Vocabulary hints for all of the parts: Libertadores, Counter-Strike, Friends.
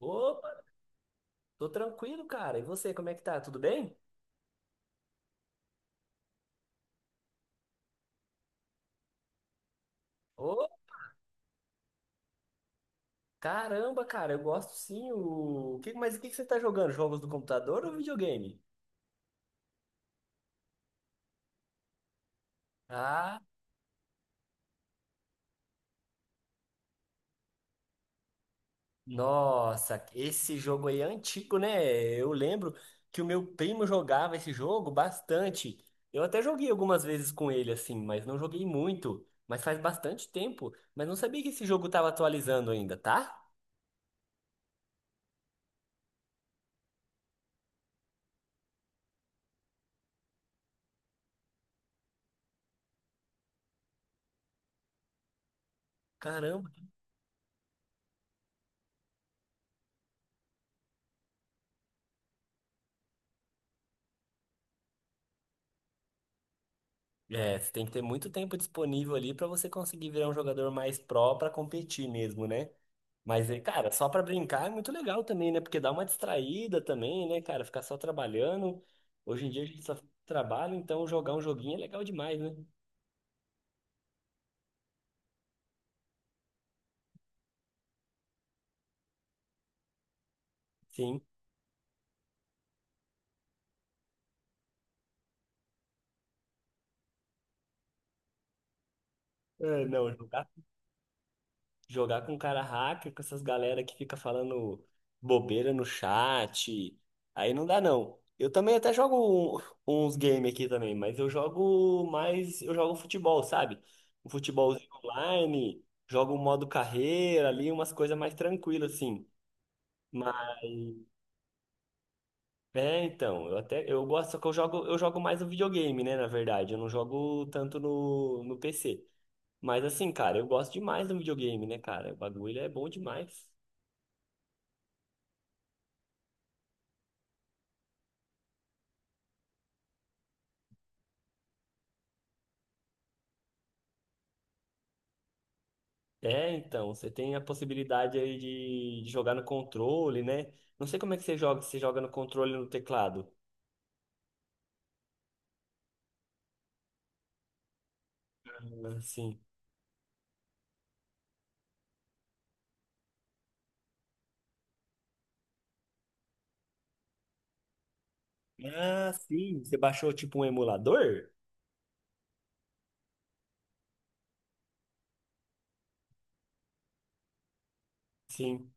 Opa, tô tranquilo, cara. E você, como é que tá? Tudo bem? Ô, caramba, cara, eu gosto sim. Mas o que que você tá jogando? Jogos do computador ou videogame? Ah, nossa, esse jogo aí é antigo, né? Eu lembro que o meu primo jogava esse jogo bastante. Eu até joguei algumas vezes com ele, assim, mas não joguei muito. Mas faz bastante tempo. Mas não sabia que esse jogo tava atualizando ainda, tá? Caramba. É, você tem que ter muito tempo disponível ali pra você conseguir virar um jogador mais pró pra competir mesmo, né? Mas, cara, só pra brincar é muito legal também, né? Porque dá uma distraída também, né, cara? Ficar só trabalhando. Hoje em dia a gente só trabalha, então jogar um joguinho é legal demais, né? Sim. É, não, jogar Jogar com cara hacker, com essas galera que fica falando bobeira no chat. Aí não dá, não. Eu também até jogo uns games aqui também, mas eu jogo mais. Eu jogo futebol, sabe? Um futebolzinho online, jogo um modo carreira ali, umas coisas mais tranquilas, assim. Mas, é, então, eu até. Eu gosto, só que eu jogo mais no videogame, né? Na verdade, eu não jogo tanto no PC. Mas assim, cara, eu gosto demais do videogame, né, cara? O bagulho é bom demais. É, então, você tem a possibilidade aí de jogar no controle, né? Não sei como é que você joga, se você joga no controle ou no teclado. Ah, sim. Ah, sim. Você baixou tipo um emulador? Sim.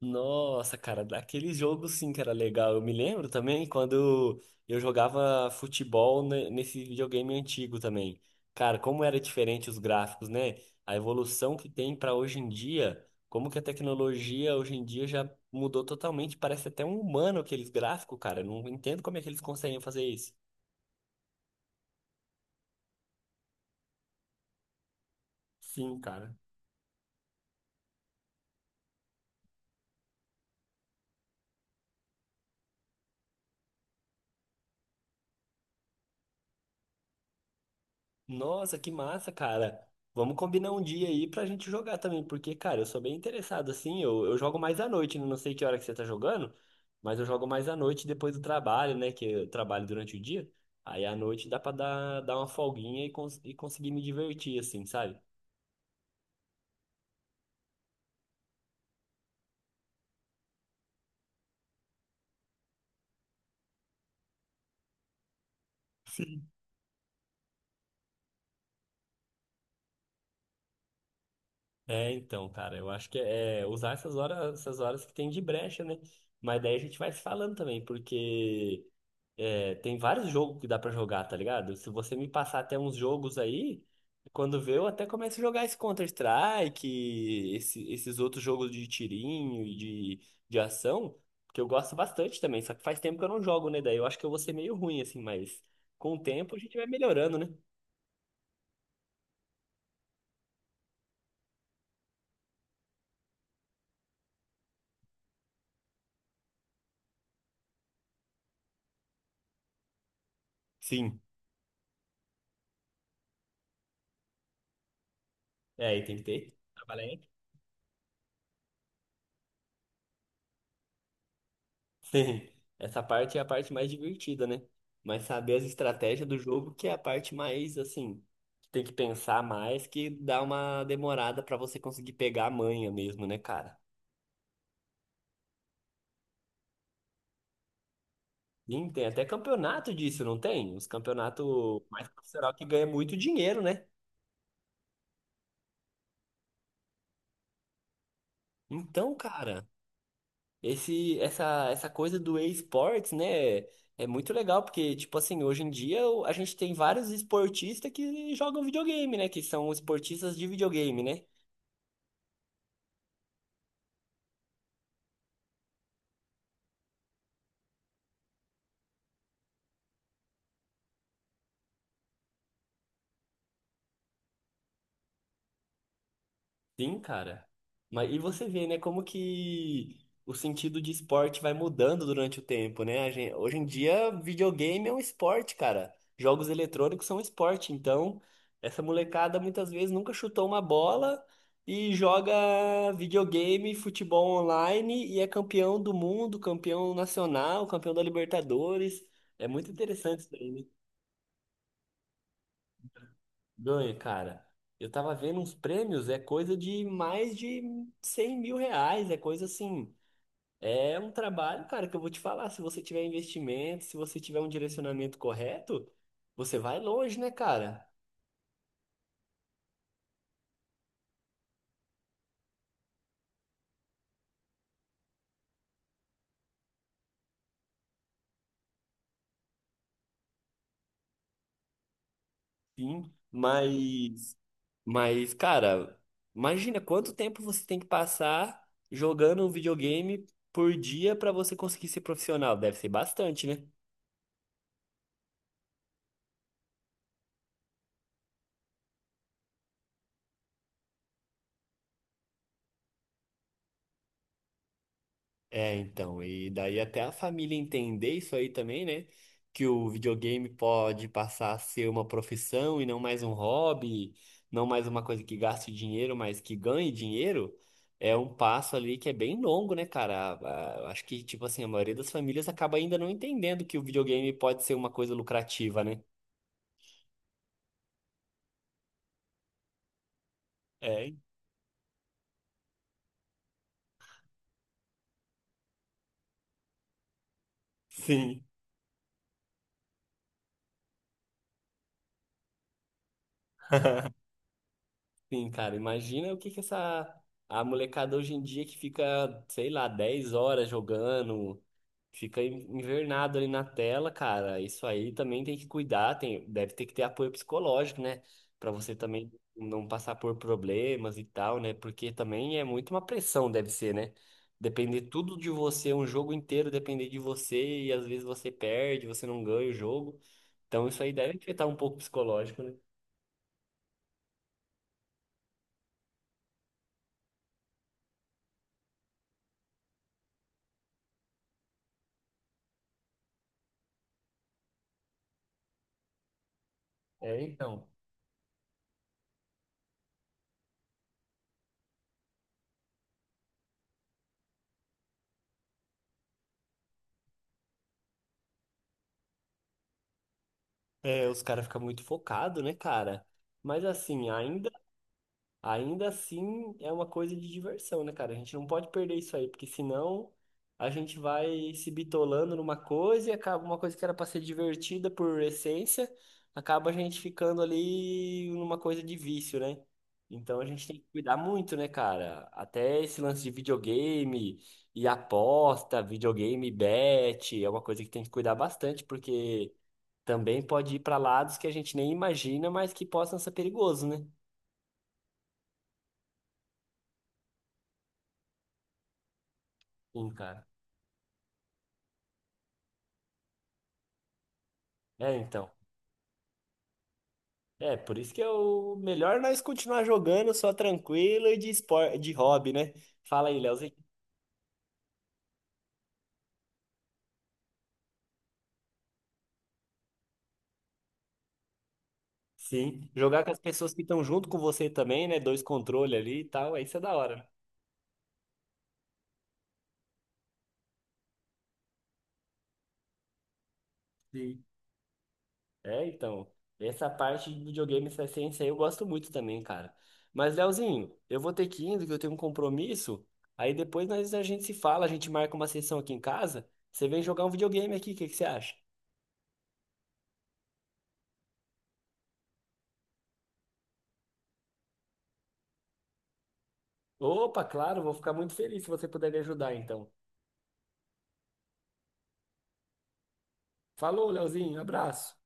Nossa, cara, daquele jogo sim que era legal. Eu me lembro também quando eu jogava futebol nesse videogame antigo também. Cara, como era diferente os gráficos, né? A evolução que tem pra hoje em dia, como que a tecnologia hoje em dia já mudou totalmente. Parece até um humano aqueles gráficos, cara. Eu não entendo como é que eles conseguem fazer isso. Sim, cara. Nossa, que massa, cara. Vamos combinar um dia aí pra gente jogar também, porque, cara, eu sou bem interessado, assim, eu jogo mais à noite, né? Não sei que hora que você tá jogando, mas eu jogo mais à noite depois do trabalho, né, que eu trabalho durante o dia, aí à noite dá pra dar uma folguinha e, conseguir me divertir, assim, sabe? É, então, cara, eu acho que é usar essas horas que tem de brecha, né? Mas daí a gente vai se falando também, porque é, tem vários jogos que dá pra jogar, tá ligado? Se você me passar até uns jogos aí, quando vê, eu até começo a jogar esse Counter-Strike, esses outros jogos de tirinho e de ação, que eu gosto bastante também. Só que faz tempo que eu não jogo, né? Daí eu acho que eu vou ser meio ruim, assim, mas com o tempo a gente vai melhorando, né? Sim. É, aí tem que ter. Trabalhar. Sim, essa parte é a parte mais divertida, né? Mas saber as estratégias do jogo que é a parte mais assim, que tem que pensar mais, que dá uma demorada pra você conseguir pegar a manha mesmo, né, cara? Sim, tem até campeonato disso, não tem? Os campeonatos mais profissional que ganha muito dinheiro, né? Então, cara, esse essa essa coisa do e-sports, né, é muito legal porque tipo assim, hoje em dia a gente tem vários esportistas que jogam videogame, né, que são esportistas de videogame, né? Sim, cara. Mas e você vê, né, como que o sentido de esporte vai mudando durante o tempo, né? Hoje em dia, videogame é um esporte, cara. Jogos eletrônicos são um esporte. Então, essa molecada muitas vezes nunca chutou uma bola e joga videogame, futebol online e é campeão do mundo, campeão nacional, campeão da Libertadores. É muito interessante isso aí, né? Ganha, cara. Eu tava vendo uns prêmios, é coisa de mais de R$ 100.000, é coisa assim. É um trabalho, cara, que eu vou te falar. Se você tiver investimento, se você tiver um direcionamento correto, você vai longe, né, cara? Sim. Mas, cara, imagina quanto tempo você tem que passar jogando um videogame por dia pra você conseguir ser profissional. Deve ser bastante, né? É, então, e daí até a família entender isso aí também, né? Que o videogame pode passar a ser uma profissão e não mais um hobby, não mais uma coisa que gaste dinheiro, mas que ganhe dinheiro, é um passo ali que é bem longo, né, cara? Acho que, tipo assim, a maioria das famílias acaba ainda não entendendo que o videogame pode ser uma coisa lucrativa, né? É, sim. Sim, cara, imagina o que que essa a molecada hoje em dia que fica, sei lá, 10 horas jogando, fica invernado ali na tela, cara. Isso aí também tem que cuidar, tem, deve ter que ter apoio psicológico, né? Pra você também não passar por problemas e tal, né? Porque também é muito uma pressão, deve ser, né? Depender tudo de você, um jogo inteiro depender de você, e às vezes você perde, você não ganha o jogo. Então isso aí deve afetar um pouco o psicológico, né? É, então. É, os caras ficam muito focados, né, cara? Mas assim, ainda Ainda assim, é uma coisa de diversão, né, cara? A gente não pode perder isso aí, porque senão a gente vai se bitolando numa coisa e acaba uma coisa que era para ser divertida por essência, acaba a gente ficando ali numa coisa de vício, né? Então a gente tem que cuidar muito, né, cara? Até esse lance de videogame e aposta, videogame bet, é uma coisa que tem que cuidar bastante, porque também pode ir para lados que a gente nem imagina, mas que possam ser perigosos, né? Sim, cara. É, então. É, por isso que é o melhor nós continuar jogando só tranquilo e de de hobby, né? Fala aí, Leozinho. Sim. Jogar com as pessoas que estão junto com você também, né? Dois controles ali e tal, aí isso é da hora, né? Sim. É, então. Essa parte de videogame, essa essência aí eu gosto muito também, cara. Mas, Leozinho, eu vou ter que ir indo, que eu tenho um compromisso. Aí depois a gente se fala, a gente marca uma sessão aqui em casa. Você vem jogar um videogame aqui, o que que você acha? Opa, claro, vou ficar muito feliz se você puder me ajudar, então. Falou, Leozinho, abraço.